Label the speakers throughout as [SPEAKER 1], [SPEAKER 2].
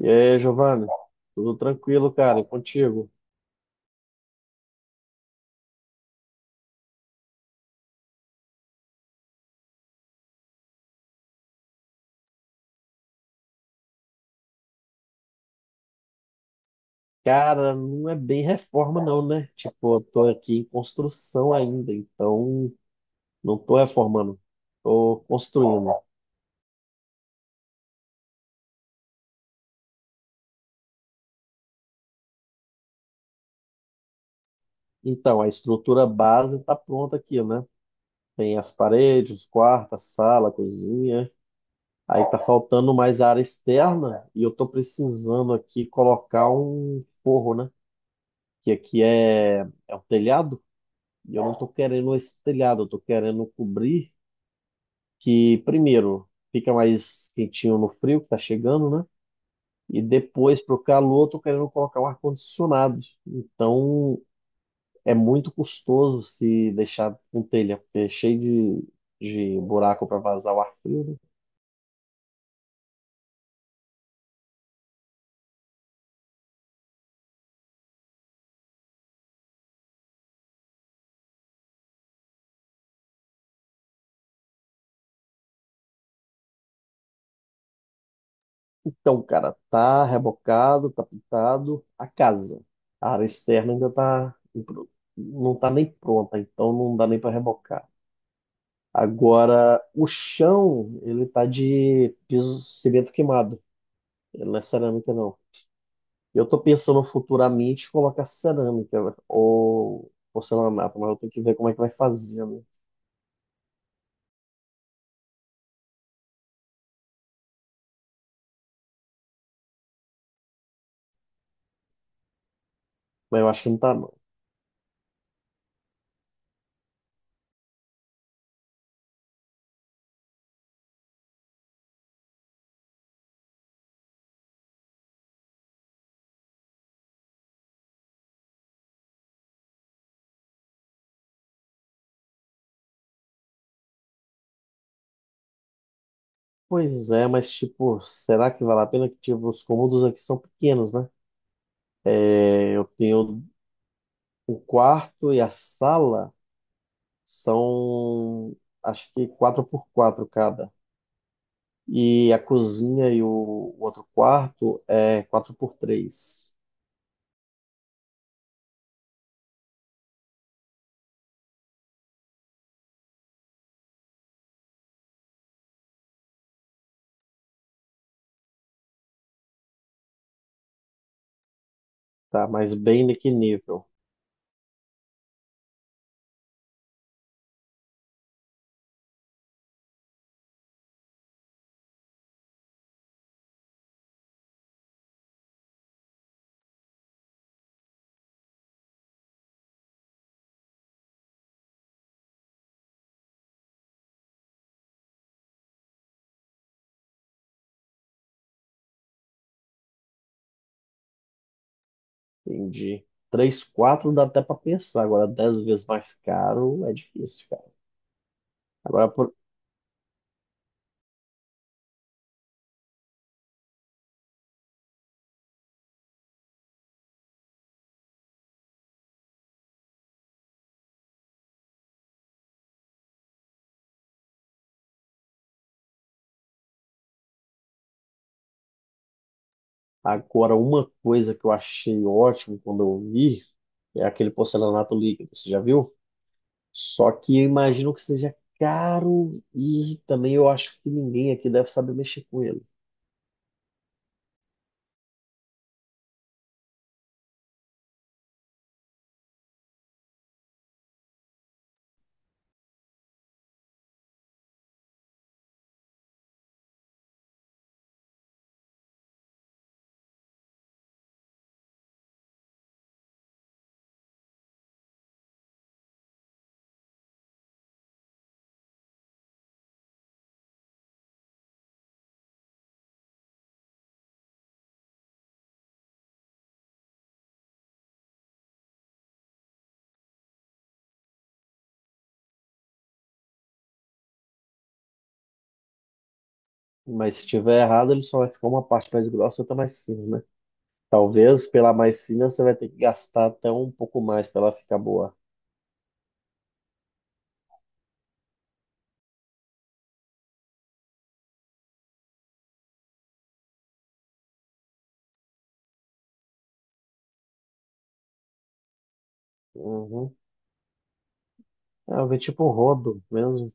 [SPEAKER 1] E aí, Giovanni? Tudo tranquilo, cara? E contigo? Cara, não é bem reforma, não, né? Tipo, eu tô aqui em construção ainda, então não tô reformando, tô construindo. Então, a estrutura base tá pronta aqui, né? Tem as paredes, os quartos, a sala, a cozinha. Aí tá faltando mais área externa e eu tô precisando aqui colocar um forro, né? Que aqui é o telhado e eu não tô querendo esse telhado, eu tô querendo cobrir. Que primeiro fica mais quentinho no frio que tá chegando, né? E depois pro calor, tô querendo colocar o ar-condicionado. Então é muito custoso se deixar com telha, porque é cheio de buraco para vazar o ar frio, né? Então, cara, tá rebocado, tá pintado a casa. A área externa ainda não tá nem pronta, então não dá nem para rebocar. Agora, o chão, ele tá de piso cimento queimado. Não é cerâmica, não. Eu tô pensando futuramente colocar cerâmica, né? Ou porcelanato, mas eu tenho que ver como é que vai fazer, né? Mas eu acho que não tá, não. Pois é, mas tipo, será que vale a pena? Que tipo, os cômodos aqui são pequenos, né? É, eu tenho o quarto e a sala são acho que 4 por 4 cada. E a cozinha e o outro quarto é 4 por 3. Tá? Mas bem naquele nível. Entendi. 3, 4 dá até para pensar. Agora, 10 vezes mais caro é difícil, cara. Agora, por- Agora, uma coisa que eu achei ótimo quando eu vi é aquele porcelanato líquido. Você já viu? Só que eu imagino que seja caro e também eu acho que ninguém aqui deve saber mexer com ele. Mas se tiver errado, ele só vai ficar uma parte mais grossa e outra mais fina, né? Talvez pela mais fina você vai ter que gastar até um pouco mais para ela ficar boa. Uhum. Ah, vem tipo um rodo mesmo.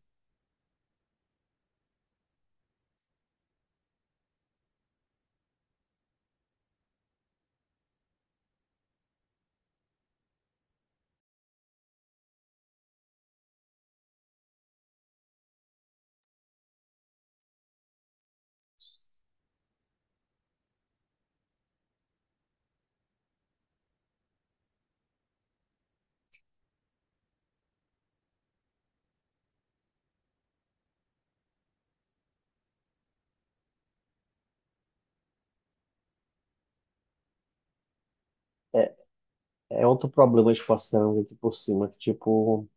[SPEAKER 1] É outro problema de forçando aqui por cima, que tipo,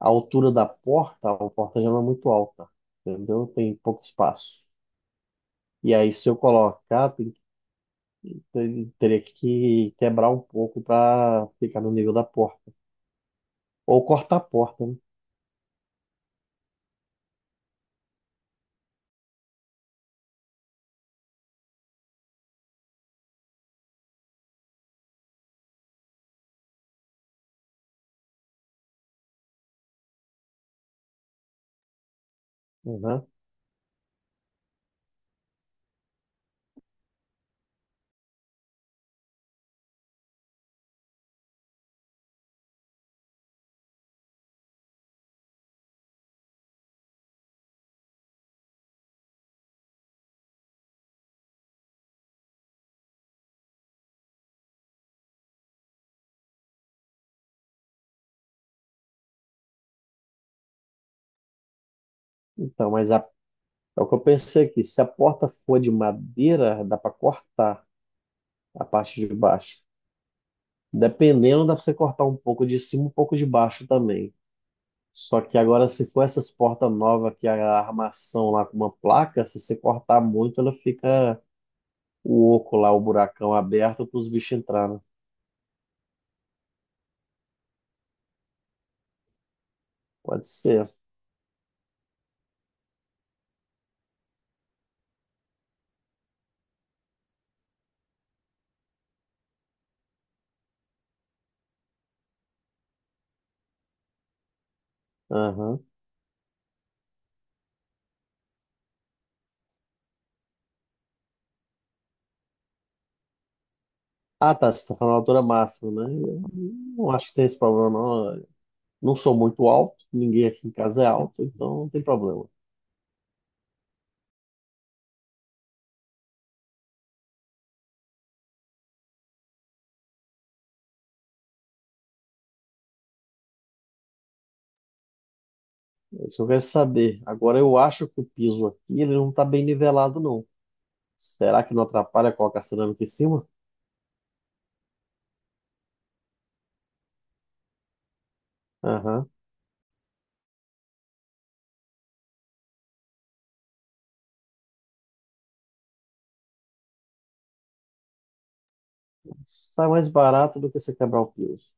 [SPEAKER 1] a altura da porta, a porta já não é muito alta, entendeu? Tem pouco espaço. E aí, se eu colocar, teria que quebrar um pouco para ficar no nível da porta. Ou cortar a porta, né? Uhum. Então, mas a- É o que eu pensei aqui. Se a porta for de madeira, dá para cortar a parte de baixo. Dependendo, dá para você cortar um pouco de cima, um pouco de baixo também. Só que agora, se for essas portas novas que é a armação lá com uma placa, se você cortar muito, ela fica o oco lá, o buracão aberto para os bichos entrarem. Pode ser. Aham. Ah, tá. Você está falando a altura máxima, né? Eu não acho que tem esse problema, não. Não sou muito alto, ninguém aqui em casa é alto, então não tem problema. É isso que eu quero saber. Agora, eu acho que o piso aqui ele não está bem nivelado, não. Será que não atrapalha colocar cerâmica em cima? Aham. Sai mais barato do que você quebrar o piso.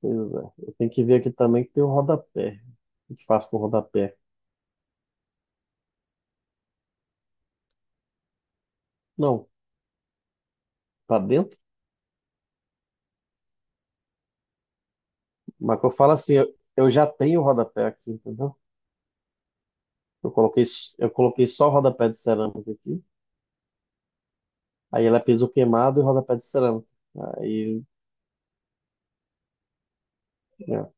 [SPEAKER 1] Pois é. Eu tenho que ver aqui também que tem o rodapé. O que faço com o rodapé? Não, pra dentro? Mas que eu falo assim, eu já tenho o rodapé aqui, entendeu? Eu coloquei só o rodapé de cerâmica aqui. Aí ela é piso queimado e rodapé de cerâmica. Aí, é,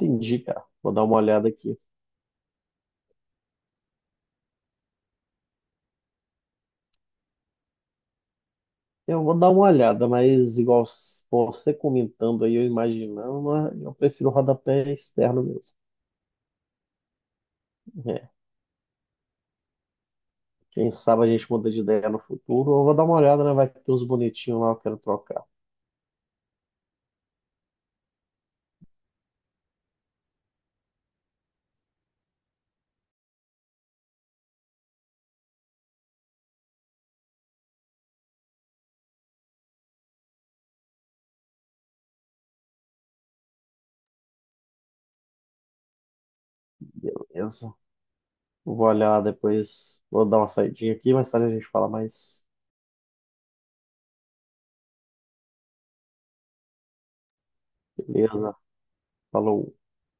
[SPEAKER 1] entendi, cara. Vou dar uma olhada aqui. Eu vou dar uma olhada, mas você comentando aí, eu imaginando, mas eu prefiro o rodapé externo mesmo. É, quem sabe a gente muda de ideia no futuro. Eu vou dar uma olhada, né? Vai ter uns bonitinhos lá, eu quero trocar. Beleza. Vou olhar depois. Vou dar uma saidinha aqui, mais tarde a gente fala mais. Beleza. Falou.